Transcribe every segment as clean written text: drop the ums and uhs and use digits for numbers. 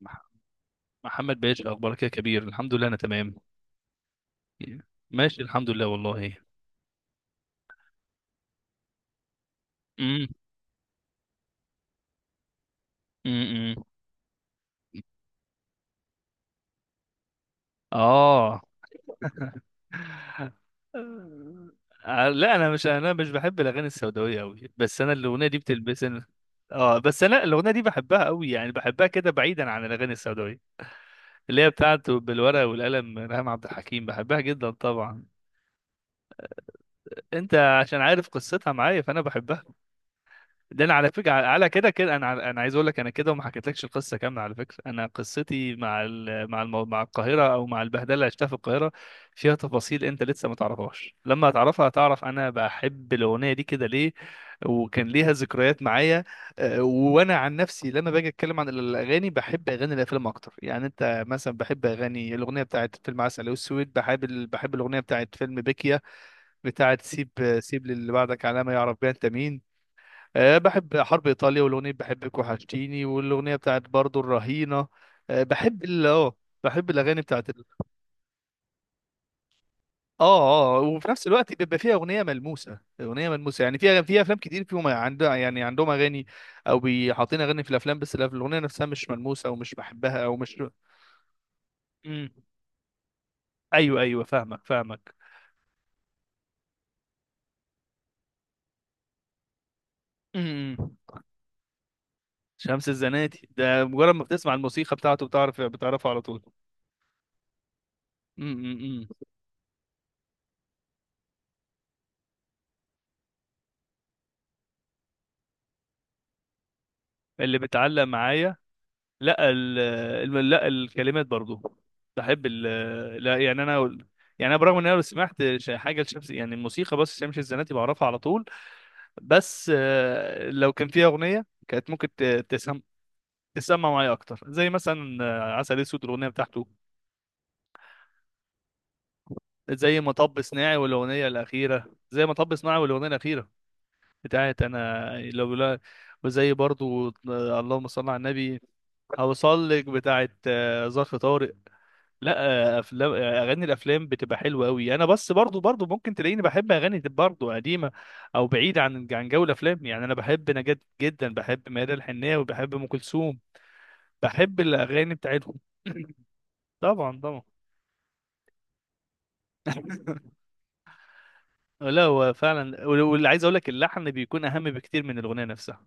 مح- محمد باشا، اخبارك يا كبير؟ الحمد لله، انا تمام. ماشي الحمد لله والله. امم. امم. اه. آه، لا، انا مش بحب الاغاني السوداويه قوي، بس انا الاغنيه دي بتلبسني. اه بس انا الاغنيه دي بحبها قوي، يعني بحبها كده بعيدا عن الاغاني السوداويه اللي هي بتاعته، بالورقه والقلم، ريهام عبد الحكيم بحبها جدا طبعا. انت عشان عارف قصتها معايا فانا بحبها. ده انا على فكره، على كده كده انا انا عايز اقول لك انا كده، وما حكيتلكش القصه كامله على فكره. انا قصتي مع القاهره، او مع البهدله اللي عشتها في القاهره، فيها تفاصيل انت لسه ما تعرفهاش. لما هتعرفها هتعرف انا بحب الاغنيه دي كده ليه، وكان ليها ذكريات معايا. وانا عن نفسي لما باجي اتكلم عن الاغاني بحب اغاني الافلام اكتر. يعني انت مثلا، بحب اغاني الاغنيه بتاعت فيلم عسل اسود، بحب بحب الاغنيه بتاعت فيلم بيكيا، بتاعت سيب، سيب للي بعدك علامه يعرف بيها انت مين. أه بحب حرب إيطاليا، والأغنية بحبك وحشتيني، والأغنية بتاعت برضو الرهينة. أه بحب ال اه بحب الأغاني بتاعت ال اه اه آه، وفي نفس الوقت بيبقى فيها أغنية ملموسة، أغنية ملموسة. يعني فيها، في أفلام كتير فيهم عندها، يعني عندهم أغاني، أو بيحاطين أغاني في الأفلام بس الأغنية نفسها مش ملموسة، أو مش بحبها، أو مش... مم. أيوه أيوه، فاهمك فاهمك. مم. شمس الزناتي ده مجرد ما بتسمع الموسيقى بتاعته بتعرفه على طول. مم. مم. مم. اللي بتعلق معايا، لا ال لا الكلمات برضو. بحب ال لا يعني انا يعني انا، برغم ان انا لو سمعت حاجه لشمس، يعني الموسيقى بس، شمس الزناتي بعرفها على طول. بس آه، لو كان فيها اغنيه كانت ممكن تسمع معايا اكتر، زي مثلا عسل اسود الاغنيه بتاعته. زي مطب صناعي والاغنيه الاخيره، زي مطب صناعي والاغنيه الاخيره، بتاعت انا لو لا. وزي برضو اللهم صل على النبي. هوصل لك بتاعت ظرف طارق. لا افلام، اغاني الافلام بتبقى حلوه قوي. انا بس برضو برضو ممكن تلاقيني بحب اغاني دي برضو قديمه، او بعيده عن عن جو الافلام. يعني انا بحب نجاة جدا، بحب ميادة الحناوي، بحب ام كلثوم، بحب الاغاني بتاعتهم. طبعا طبعا. لا هو فعلا، واللي عايز اقول لك، اللحن بيكون اهم بكتير من الاغنيه نفسها.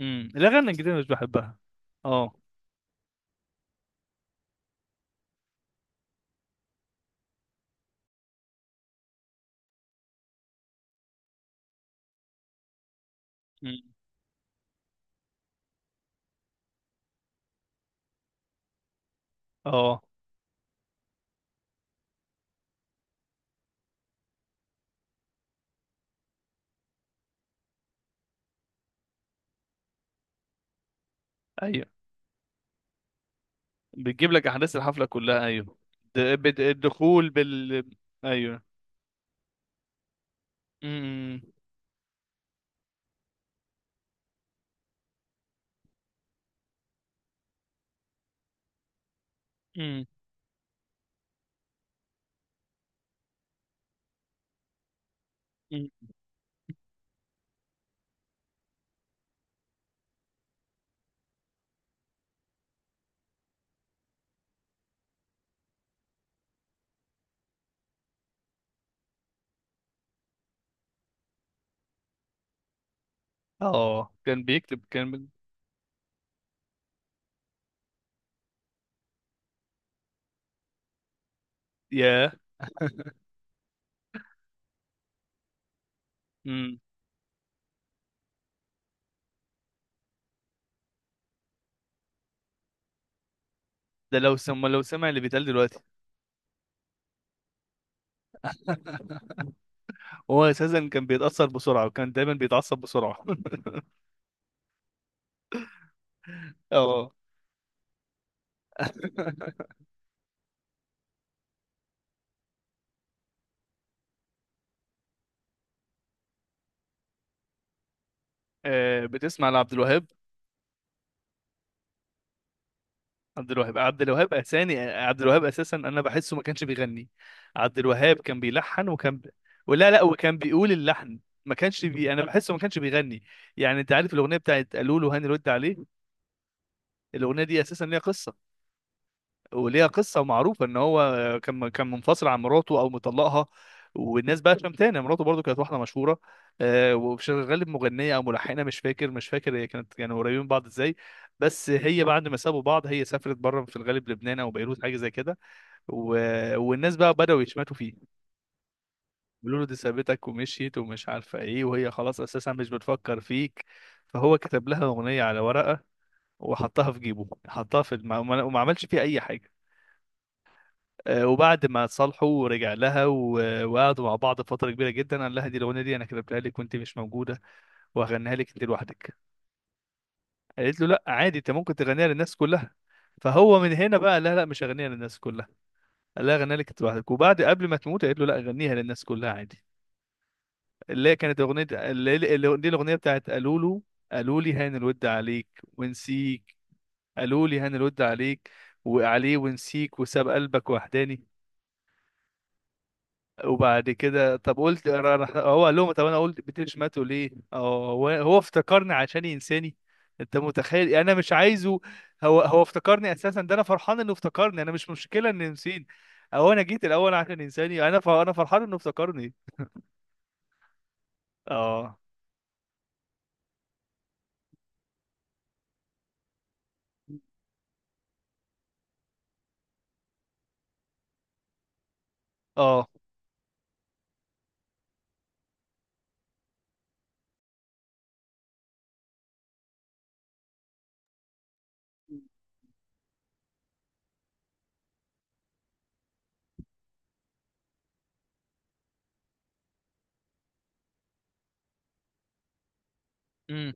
امم، الاغاني الجديده مش بحبها. اه. مم. اه ايوه، بتجيب لك احداث الحفله كلها، ايوه. الدخول بال... ايوه. امم. مم. اه كان بيكتب، ياه. امم. ده لو سمع، لو سمع اللي بيتقال دلوقتي. هو اساسا كان بيتاثر بسرعه، وكان دايما بيتعصب بسرعه. اه. آه، بتسمع لعبد الوهاب؟ عبد الوهاب، عبد الوهاب اساني. عبد الوهاب اساسا انا بحسه ما كانش بيغني. عبد الوهاب كان بيلحن، ولا لا، وكان بيقول اللحن. ما كانش بي... انا بحسه ما كانش بيغني. يعني انت عارف الاغنيه بتاعت قالوا له، هاني رد عليه. الاغنيه دي اساسا ليها قصه، وليها قصه معروفه ان هو كان منفصل عن مراته، او مطلقها. والناس بقى شمتانه. مراته برضو كانت واحده مشهوره، آه، وشغاله مغنيه او ملحنه، مش فاكر، مش فاكر هي كانت يعني قريبين من بعض ازاي. بس هي بعد ما سابوا بعض هي سافرت بره، في الغالب لبنان او بيروت، حاجه زي كده. والناس بقى بداوا يشمتوا فيه، بيقولوا له دي سابتك ومشيت ومش عارفه ايه، وهي خلاص اساسا مش بتفكر فيك. فهو كتب لها اغنيه على ورقه، وحطها في جيبه، حطها وما عملش فيها اي حاجه. آه، وبعد ما اتصالحوا رجع لها وقعدوا مع بعض فترة كبيرة جدا. قال لها دي الأغنية، دي أنا كتبتها لك وأنت مش موجودة، وهغنيها لك أنت لوحدك. قالت له لا عادي، أنت ممكن تغنيها للناس كلها. فهو من هنا بقى، لا لا مش هغنيها للناس كلها، قال لها غنيها لك أنت لوحدك. وبعد، قبل ما تموت، قالت له لا غنيها للناس كلها عادي. اللي هي كانت أغنية، دي الأغنية بتاعت قالوا له، قالوا لي هان الود عليك ونسيك، قالوا لي هان الود عليك وعليه ونسيك، وساب قلبك وحداني. وبعد كده، طب قلت هو قال لهم، طب انا قلت بتشمته ليه؟ اه، هو افتكرني عشان ينساني. انت متخيل؟ يعني انا مش عايزه. هو افتكرني اساسا، ده انا فرحان انه افتكرني، انا مش مشكله انه ينسيني، او انا جيت الاول عشان ينساني. انا ف... انا فرحان انه افتكرني. اه. اه. امم.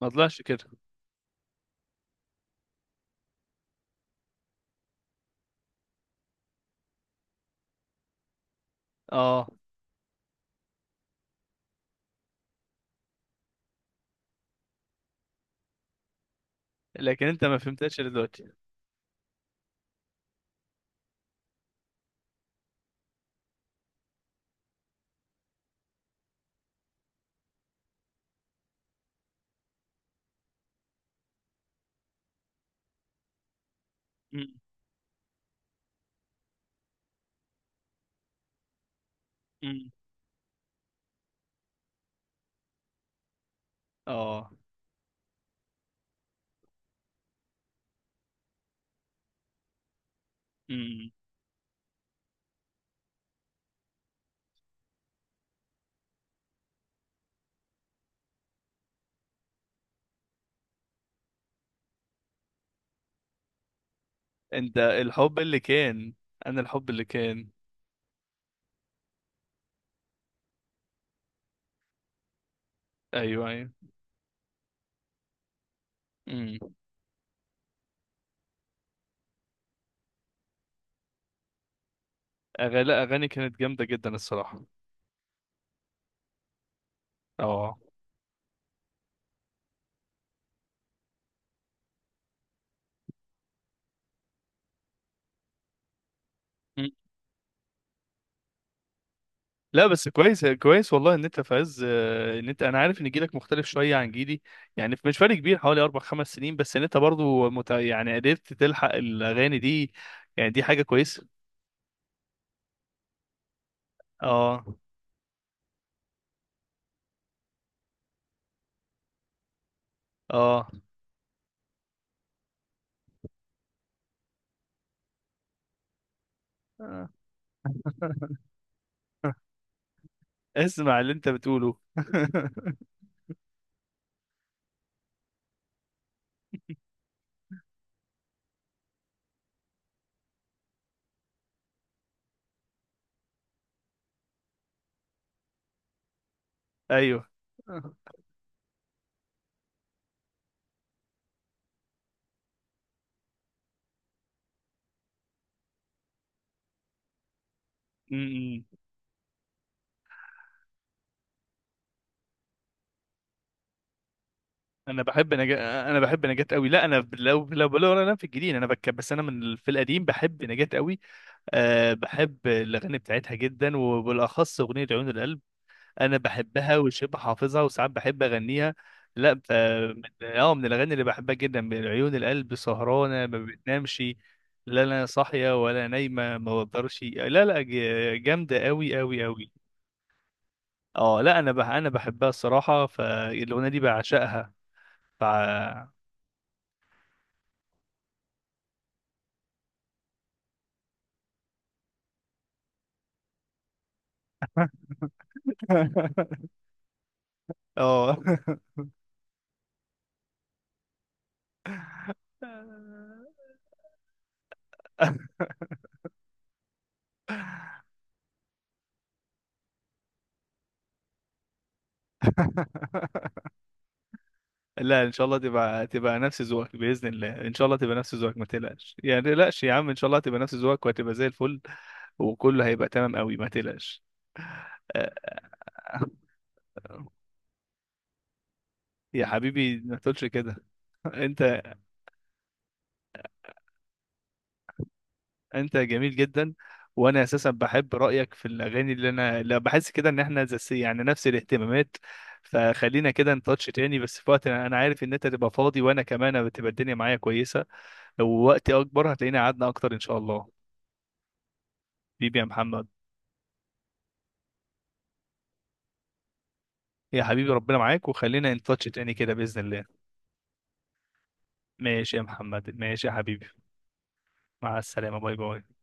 ما طلعش كده. اه. لكن انت ما فهمتهاش إلا دلوقتي. أمم. أمم. اه. أمم. انت الحب اللي كان، انا الحب اللي كان. ايوه ايوه. أغ... لا، أغاني كانت جامدة جدا الصراحة. اه. مم. لا بس كويس، كويس والله، ان انت في عز آه، ان انت، انا عارف ان جيلك مختلف شويه عن جيلي، يعني مش فرق كبير، حوالي اربع خمس سنين بس، ان انت برضو مت... يعني قدرت تلحق الاغاني دي، يعني دي حاجه كويسه. اه. اه. اسمع اللي انت بتقوله. ايوه. امم. انا بحب نجاة، انا بحب نجاة قوي. لا انا لو انا في الجديد انا بك، بس انا في القديم بحب نجاة قوي. أه بحب الأغاني بتاعتها جدا، وبالأخص أغنية عيون القلب، أنا بحبها وشبه حافظها، وساعات بحب أغنيها. لا ف. من اه، من الأغاني اللي بحبها جدا من عيون القلب، سهرانة ما بتنامش، لا أنا صاحية ولا نايمة ما بقدرش. لا لا، جامدة أوي أوي أوي. اه، لا أنا بحبها الصراحة، فالأغنية دي بعشقها. ف. اه. لا، ان شاء الله تبقى نفس ذوقك باذن الله، ان شاء الله تبقى نفس ذوقك، ما تقلقش، يعني ما تقلقش يا عم، ان شاء الله تبقى نفس ذوقك وهتبقى زي الفل، وكله هيبقى تمام قوي، ما تقلقش. آه. آه، يا حبيبي ما تقولش كده. انت، انت جميل جدا، وانا اساسا بحب رايك في الاغاني اللي انا، لا بحس كده ان احنا زي، يعني نفس الاهتمامات. فخلينا كده نتاتش تاني بس في وقت، أنا عارف ان انت تبقى فاضي، وانا كمان بتبقى الدنيا معايا كويسه. لو وقتي اكبر هتلاقينا قعدنا اكتر ان شاء الله. حبيبي يا محمد، يا حبيبي ربنا معاك، وخلينا ان تاتش تاني كده باذن الله. ماشي يا محمد، ماشي يا حبيبي، مع السلامه، باي باي.